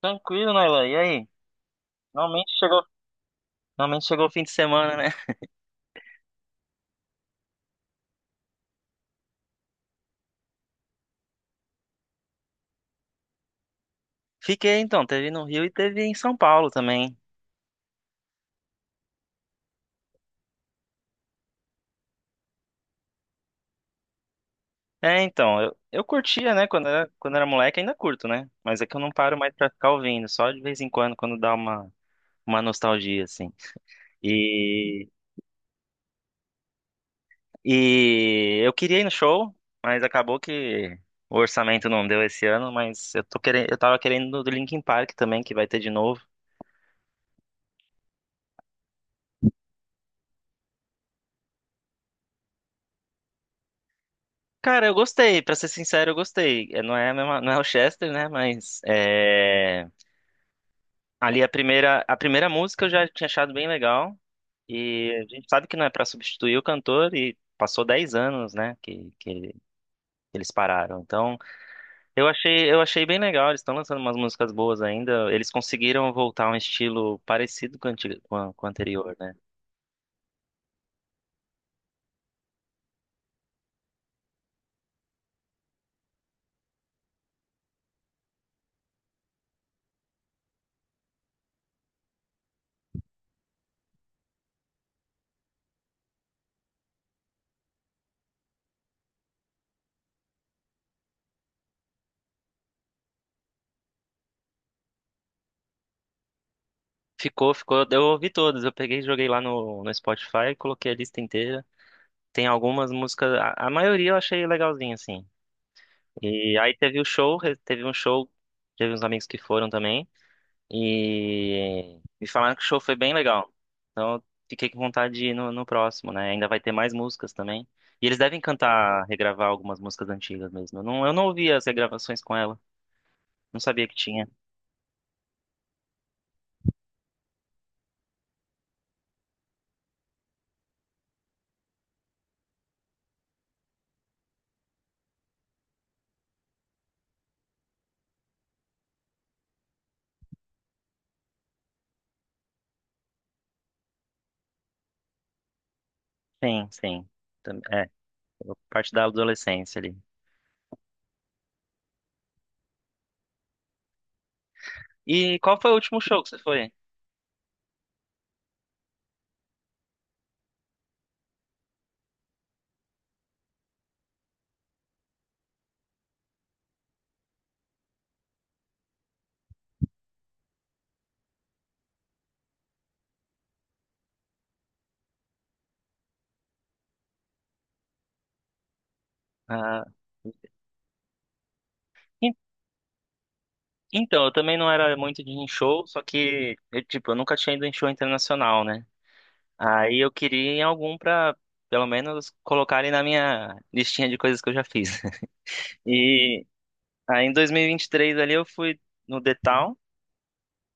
Tranquilo, Nailan. E aí? Normalmente chegou, normalmente chegou o fim de semana, né? Fiquei então, teve no Rio e teve em São Paulo também. É, então, eu curtia, né? Quando era moleque, ainda curto, né? Mas é que eu não paro mais pra ficar ouvindo, só de vez em quando, quando dá uma nostalgia, assim. E, e eu queria ir no show, mas acabou que o orçamento não deu esse ano, mas eu tô querendo, eu tava querendo do Linkin Park também, que vai ter de novo. Cara, eu gostei, pra ser sincero, eu gostei. É, não é, não é o Chester, né? Mas é, ali a primeira música eu já tinha achado bem legal. E a gente sabe que não é pra substituir o cantor e passou 10 anos, né, que que eles pararam. Então, eu achei bem legal, eles estão lançando umas músicas boas ainda. Eles conseguiram voltar a um estilo parecido com o anti- com a- com o anterior, né? Ficou, ficou. Eu ouvi todas, eu peguei, e joguei lá no Spotify, coloquei a lista inteira. Tem algumas músicas, a maioria eu achei legalzinha, assim. E aí teve o show, teve uns amigos que foram também, e me falaram que o show foi bem legal. Então eu fiquei com vontade de ir no próximo, né? Ainda vai ter mais músicas também. E eles devem cantar, regravar algumas músicas antigas mesmo. Eu não ouvi as regravações com ela, não sabia que tinha. Sim, sim. É, é, parte da adolescência ali. E qual foi o último show que você foi? Ah, então, eu também não era muito de ir em show, só que eu, tipo, eu nunca tinha ido em show internacional, né? Aí eu queria ir em algum pra, pelo menos, colocarem na minha listinha de coisas que eu já fiz. E aí em 2023 ali eu fui no The Town,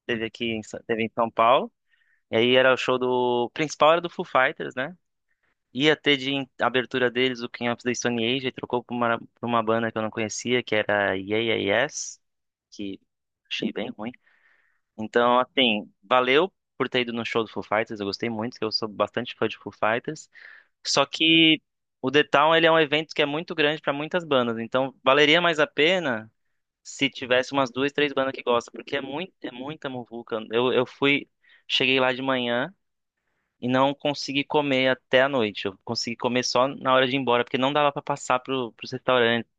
teve teve em São Paulo. E aí era o show do, o principal era do Foo Fighters, né? Ia ter abertura deles o King of the Stone Age, e trocou pra uma banda que eu não conhecia, que era Yeah Yeah Yes, que achei bem ruim. Então, assim, valeu por ter ido no show do Foo Fighters, eu gostei muito, que eu sou bastante fã de Foo Fighters. Só que o The Town, ele é um evento que é muito grande para muitas bandas, então valeria mais a pena se tivesse umas duas, três bandas que gostam, porque é muito, é muita muvuca. Eu fui, cheguei lá de manhã e não consegui comer até a noite. Eu consegui comer só na hora de ir embora, porque não dava para passar pros restaurantes.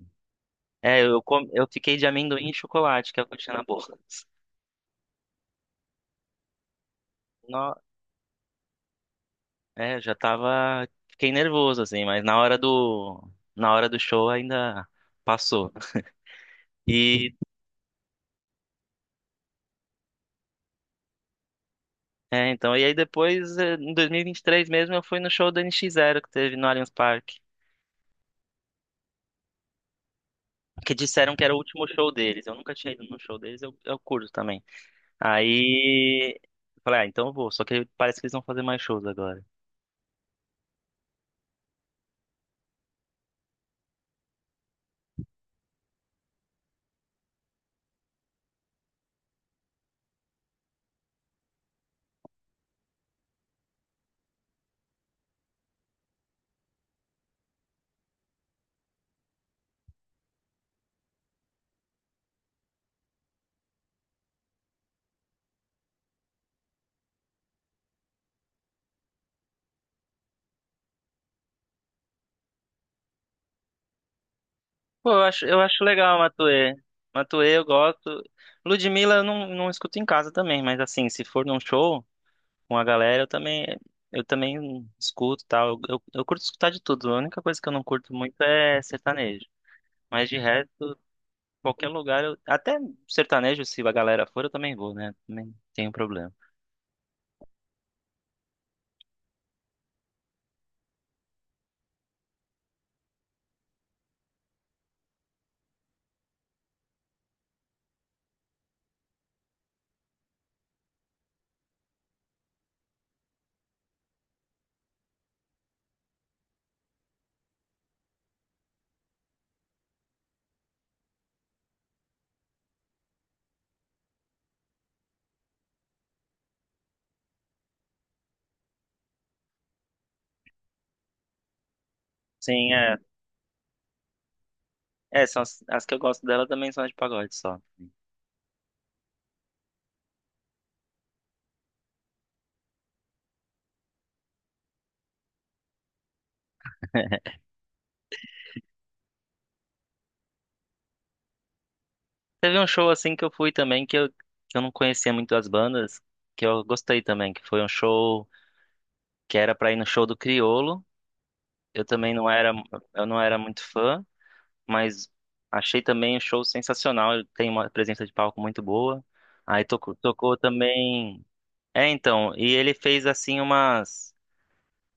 É, eu, eu fiquei de amendoim e chocolate, que é o que eu tinha na boca. É, eu já tava. Fiquei nervoso, assim, mas na hora do. Na hora do show ainda passou. E. É, então. E aí depois, em 2023 mesmo, eu fui no show do NX Zero que teve no Allianz Parque. Que disseram que era o último show deles. Eu nunca tinha ido no show deles, eu curto também. Aí eu falei, ah, então eu vou. Só que parece que eles vão fazer mais shows agora. Pô, eu acho legal a Matuê. Matuê eu gosto. Ludmilla eu não, não escuto em casa também, mas assim, se for num show com a galera, eu também escuto e tal. Eu curto escutar de tudo. A única coisa que eu não curto muito é sertanejo. Mas de resto, qualquer lugar, eu, até sertanejo, se a galera for, eu também vou, né? Também não tenho problema. Sim, é. É, são as, as que eu gosto dela também são as de pagode só. Teve um show assim que eu fui também, que eu não conhecia muito as bandas, que eu gostei também, que foi um show que era pra ir no show do Criolo. Eu também não era, eu não era muito fã, mas achei também o show sensacional. Ele tem uma presença de palco muito boa. Aí tocou, tocou também. É, então, e ele fez assim umas.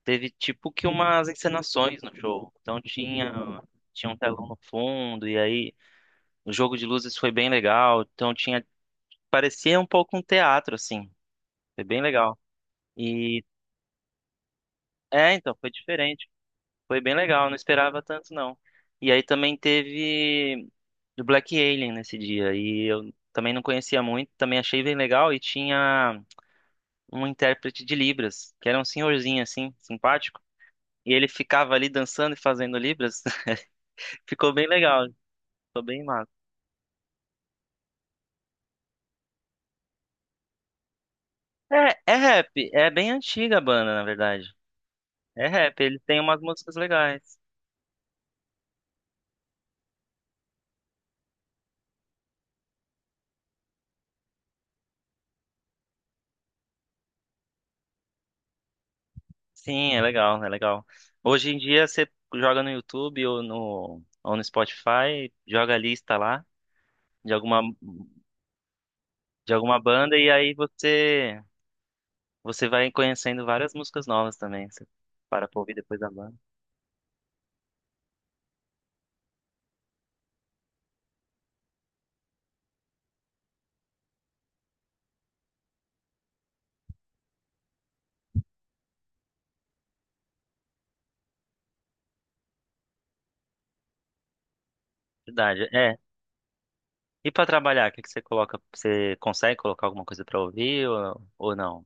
Teve tipo que umas encenações no show. Então tinha, tinha um telão no fundo, e aí o jogo de luzes foi bem legal. Então tinha. Parecia um pouco um teatro, assim. Foi bem legal. E é, então, foi diferente. Foi bem legal, não esperava tanto, não. E aí também teve do Black Alien nesse dia. E eu também não conhecia muito, também achei bem legal. E tinha um intérprete de Libras, que era um senhorzinho assim, simpático. E ele ficava ali dançando e fazendo Libras. Ficou bem legal, ficou bem massa. É, é rap, é bem antiga a banda, na verdade. É rap, ele tem umas músicas legais. Sim, é legal, é legal. Hoje em dia você joga no YouTube ou no Spotify, joga a lista lá de alguma, de alguma banda e aí você você vai conhecendo várias músicas novas também. Você para pra ouvir depois da banda. Verdade. É. E pra trabalhar, o que que você coloca? Você consegue colocar alguma coisa pra ouvir ou não?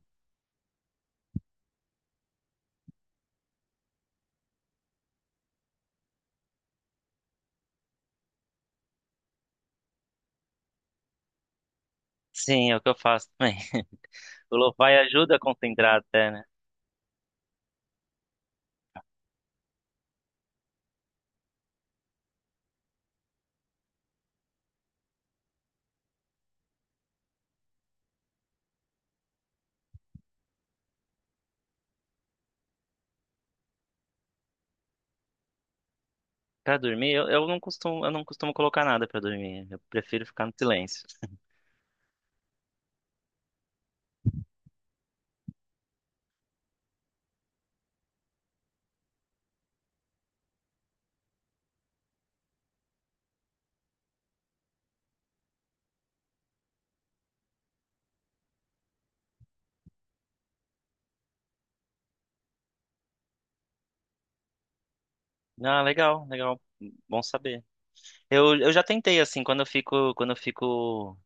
Sim, é o que eu faço também. O lo-fi ajuda a concentrar até, né? Pra dormir, eu não costumo colocar nada pra dormir. Eu prefiro ficar no silêncio. Ah, legal, legal. Bom saber. Eu já tentei, assim, quando eu fico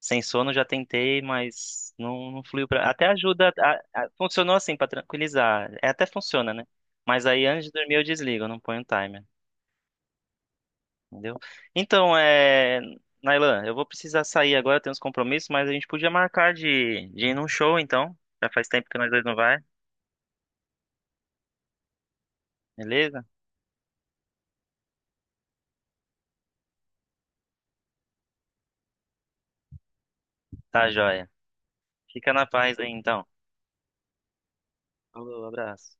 sem sono, já tentei, mas não, não fluiu pra... Até ajuda, funcionou assim, pra tranquilizar. É, até funciona, né? Mas aí antes de dormir eu desligo, eu não ponho timer, entendeu? Então, é... Nailan, eu vou precisar sair agora, eu tenho uns compromissos, mas a gente podia marcar de ir num show, então. Já faz tempo que nós dois não vai, beleza? Tá, joia. Fica na paz aí, então. Falou, abraço.